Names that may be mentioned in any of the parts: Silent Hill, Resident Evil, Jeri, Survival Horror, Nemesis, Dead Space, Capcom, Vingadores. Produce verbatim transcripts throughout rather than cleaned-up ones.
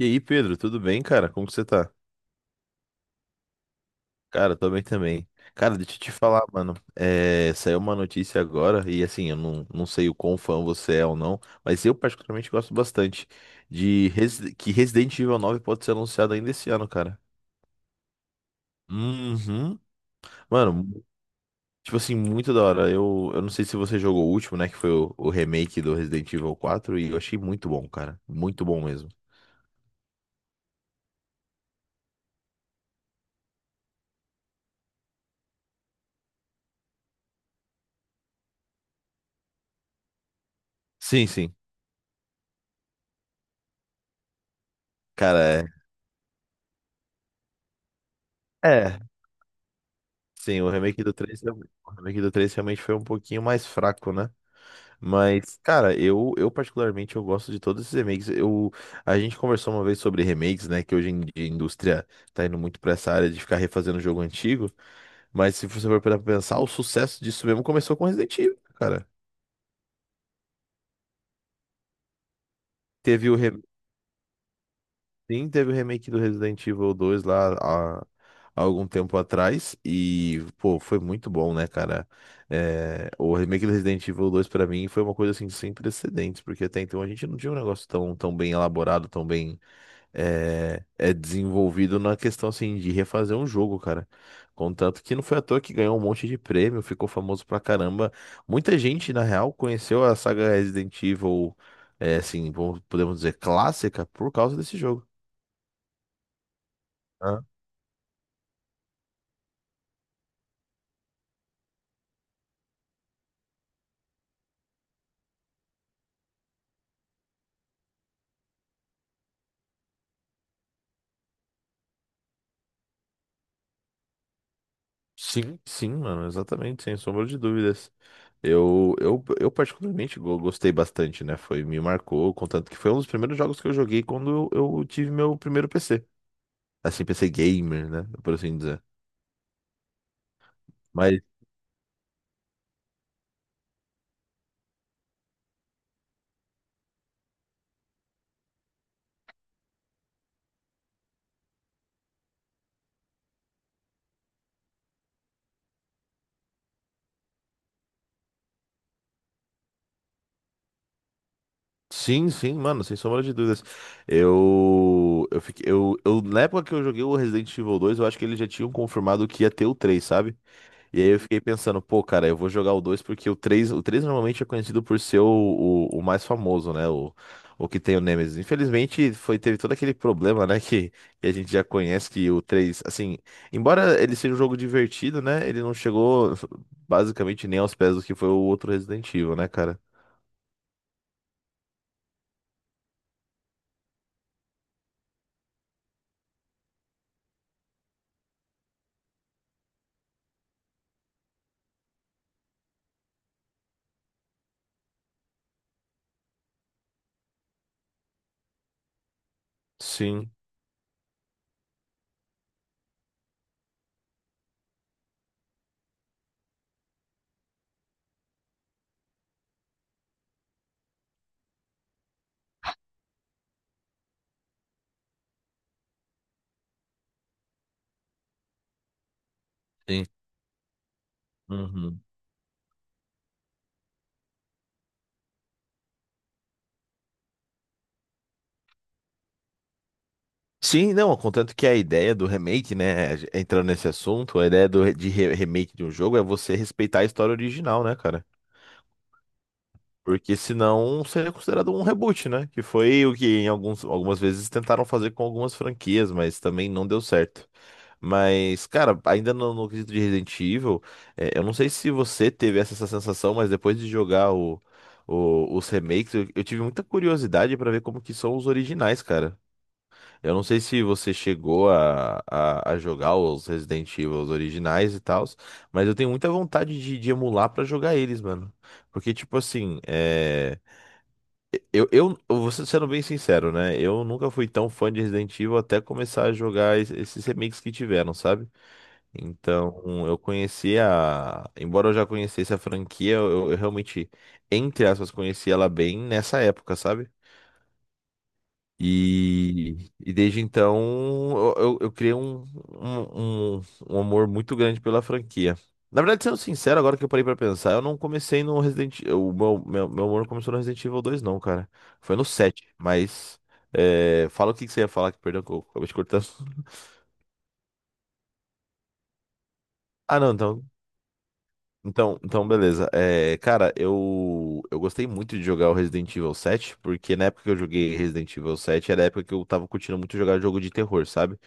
E aí, Pedro, tudo bem, cara? Como que você tá? Cara, tô bem também. Cara, deixa eu te falar, mano. É, saiu uma notícia agora, e assim, eu não, não sei o quão fã você é ou não, mas eu particularmente gosto bastante de Resi- que Resident Evil nove pode ser anunciado ainda esse ano, cara. Uhum. Mano, tipo assim, muito da hora. Eu, eu não sei se você jogou o último, né? Que foi o, o remake do Resident Evil quatro, e eu achei muito bom, cara. Muito bom mesmo. Sim, sim. Cara, é. É. Sim, o remake do três realmente- o remake do três realmente foi um pouquinho mais fraco, né? Mas, cara, eu, eu particularmente eu gosto de todos esses remakes. Eu, a gente conversou uma vez sobre remakes, né? Que hoje em dia a indústria tá indo muito pra essa área de ficar refazendo jogo antigo. Mas se você for para pensar, o sucesso disso mesmo começou com Resident Evil, cara. Teve o, re- Sim, teve o remake do Resident Evil dois lá há, há algum tempo atrás e, pô, foi muito bom, né, cara? É, o remake do Resident Evil dois pra mim foi uma coisa assim sem precedentes, porque até então a gente não tinha um negócio tão, tão bem elaborado, tão bem é, é, desenvolvido na questão assim de refazer um jogo, cara. Contanto que não foi à toa que ganhou um monte de prêmio, ficou famoso pra caramba. Muita gente, na real, conheceu a saga Resident Evil, é, assim, vamos- podemos dizer, clássica por causa desse jogo. Sim, sim, mano, exatamente, sem sombra de dúvidas. Eu, eu, eu particularmente go- gostei bastante, né? Foi, me marcou, contanto que foi um dos primeiros jogos que eu joguei quando eu, eu tive meu primeiro P C. Assim, P C gamer, né? Por assim dizer. Mas sim, sim, mano, sem sombra de dúvidas. Eu, eu fiquei, eu, eu, na época que eu joguei o Resident Evil dois eu acho que eles já tinham confirmado que ia ter o três, sabe? E aí eu fiquei pensando, pô, cara, eu vou jogar o dois porque o três o três normalmente é conhecido por ser o, o, o mais famoso, né? O, o que tem o Nemesis. Infelizmente, foi, teve todo aquele problema, né? Que, que a gente já conhece, que o três assim, embora ele seja um jogo divertido, né? Ele não chegou basicamente nem aos pés do que foi o outro Resident Evil, né, cara? Sim, sim. Uhum. Sim, não, contanto que a ideia do remake, né? Entrando nesse assunto, a ideia do, re- de re- remake de um jogo é você respeitar a história original, né, cara? Porque senão seria considerado um reboot, né? Que foi o que em alguns, algumas vezes tentaram fazer com algumas franquias, mas também não deu certo. Mas, cara, ainda no, no quesito de Resident Evil, é, eu não sei se você teve essa, essa sensação, mas depois de jogar o, o- os remakes, eu, eu tive muita curiosidade pra ver como que são os originais, cara. Eu não sei se você chegou a, a, a jogar os Resident Evil os originais e tal, mas eu tenho muita vontade de, de emular pra jogar eles, mano. Porque, tipo assim, é, eu, eu, eu vou ser- sendo bem sincero, né? Eu nunca fui tão fã de Resident Evil até começar a jogar es- esses remakes que tiveram, sabe? Então, eu conheci a. Embora eu já conhecesse a franquia, eu, eu realmente, entre aspas, conheci ela bem nessa época, sabe? E, e desde então eu, eu, eu criei um, um, um, um amor muito grande pela franquia. Na verdade, sendo sincero, agora que eu parei pra pensar, eu não comecei no Resident Evil. O meu, meu, meu amor começou no Resident Evil dois não, cara. Foi no sete, mas. É, fala o que que você ia falar que perdeu, que eu acabei te cortando. Ah, não, então. Então, então beleza. É, cara, eu, eu gostei muito de jogar o Resident Evil sete, porque na época que eu joguei Resident Evil sete era a época que eu tava curtindo muito jogar jogo de terror, sabe?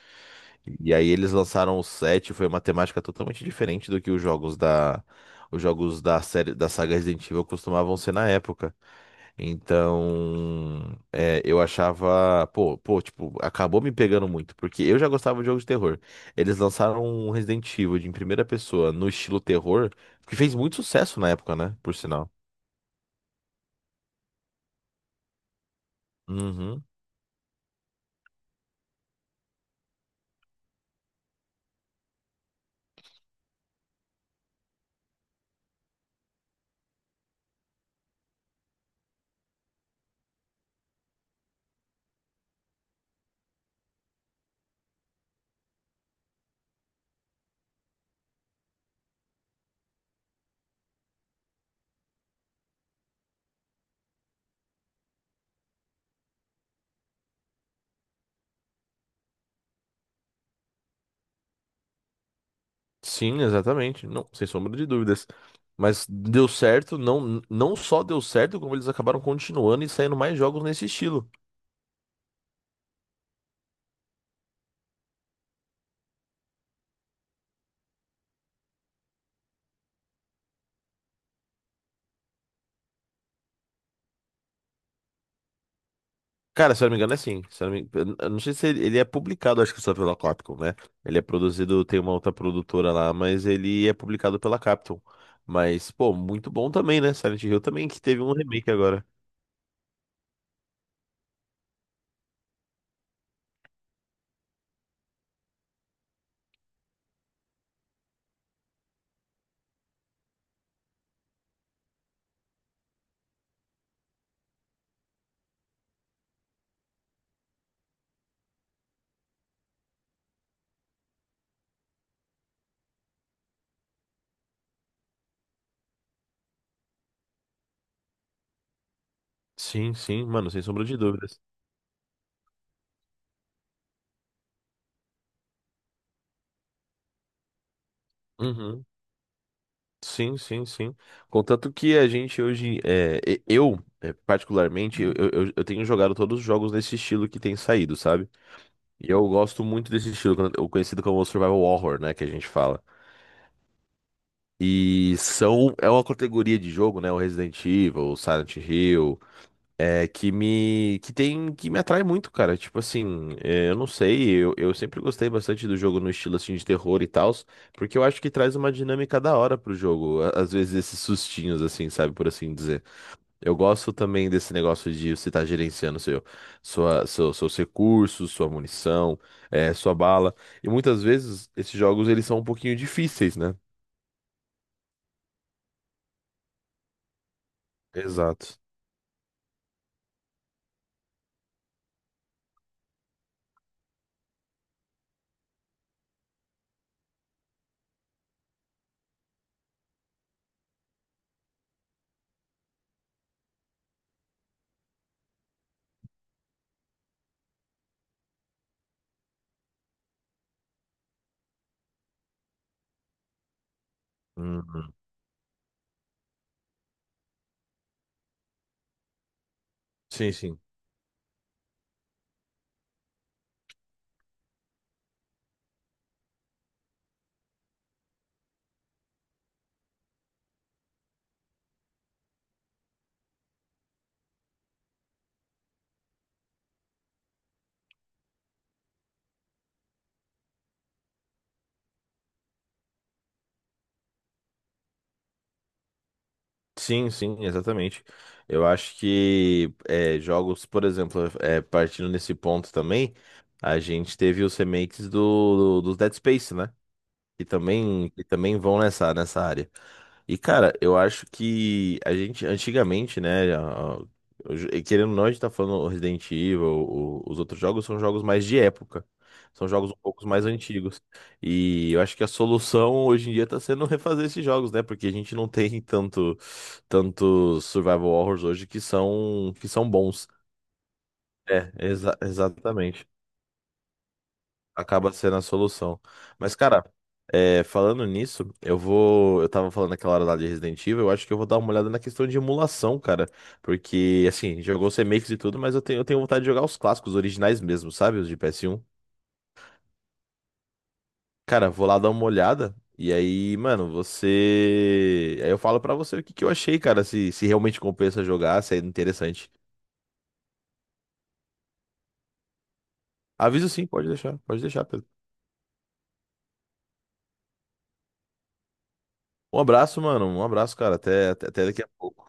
E aí eles lançaram o sete, foi uma temática totalmente diferente do que os jogos da, os jogos da série, da saga Resident Evil costumavam ser na época. Então, é, eu achava, pô, pô, tipo, acabou me pegando muito, porque eu já gostava de jogos de terror. Eles lançaram um Resident Evil de em primeira pessoa no estilo terror, que fez muito sucesso na época, né? Por sinal. Uhum. Sim, exatamente. Não, sem sombra de dúvidas. Mas deu certo, não, não só deu certo, como eles acabaram continuando e saindo mais jogos nesse estilo. Cara, se eu não me engano, é assim. Se eu não me... Eu não sei se ele, ele é publicado, acho que só pela Capcom, né? Ele é produzido, tem uma outra produtora lá, mas ele é publicado pela Capcom. Mas, pô, muito bom também, né? Silent Hill também, que teve um remake agora. Sim, sim, mano, sem sombra de dúvidas. Uhum. Sim, sim, sim. Contanto que a gente hoje, é, e- eu, é, particularmente, eu, eu, eu- eu tenho jogado todos os jogos nesse estilo que tem saído, sabe? E eu gosto muito desse estilo, o conhecido como Survival Horror, né? Que a gente fala. E são, é uma categoria de jogo, né? O Resident Evil, o Silent Hill, é, que me, que tem, que me atrai muito, cara. Tipo assim, é, eu não sei, eu, eu sempre gostei bastante do jogo no estilo assim de terror e tal, porque eu acho que traz uma dinâmica da hora pro jogo. a- Às vezes esses sustinhos, assim, sabe, por assim dizer. Eu gosto também desse negócio de você estar gerenciando seu, sua, seu- seus recursos, sua munição, é, sua bala. E muitas vezes esses jogos eles são um pouquinho difíceis, né? Exato. Sim, sim. Sim, sim, exatamente. Eu acho que é, jogos, por exemplo, é, partindo nesse ponto também, a gente teve os remakes do, do, do Dead Space, né? Que também, que também vão nessa, nessa área. E, cara, eu acho que a gente, antigamente, né, a- a- e querendo ou não, a gente tá falando o Resident Evil, o- os outros jogos são jogos mais de época. São jogos um pouco mais antigos. E eu acho que a solução hoje em dia tá sendo refazer esses jogos, né? Porque a gente não tem tanto, tantos survival horrors hoje que são, que são bons. É, exa- exatamente acaba sendo a solução. Mas, cara, é, falando nisso, eu vou. Eu tava falando naquela hora lá de Resident Evil, eu acho que eu vou dar uma olhada na questão de emulação, cara. Porque, assim, jogou os remakes e tudo, mas eu tenho, eu tenho vontade de jogar os clássicos, os originais mesmo, sabe? Os de P S um. Cara, vou lá dar uma olhada. E aí, mano, você. Aí eu falo pra você o que que eu achei, cara. Se, se realmente compensa jogar, se é interessante. Aviso sim, pode deixar, pode deixar, Pedro. Um abraço, mano. Um abraço, cara. Até, até até daqui a pouco.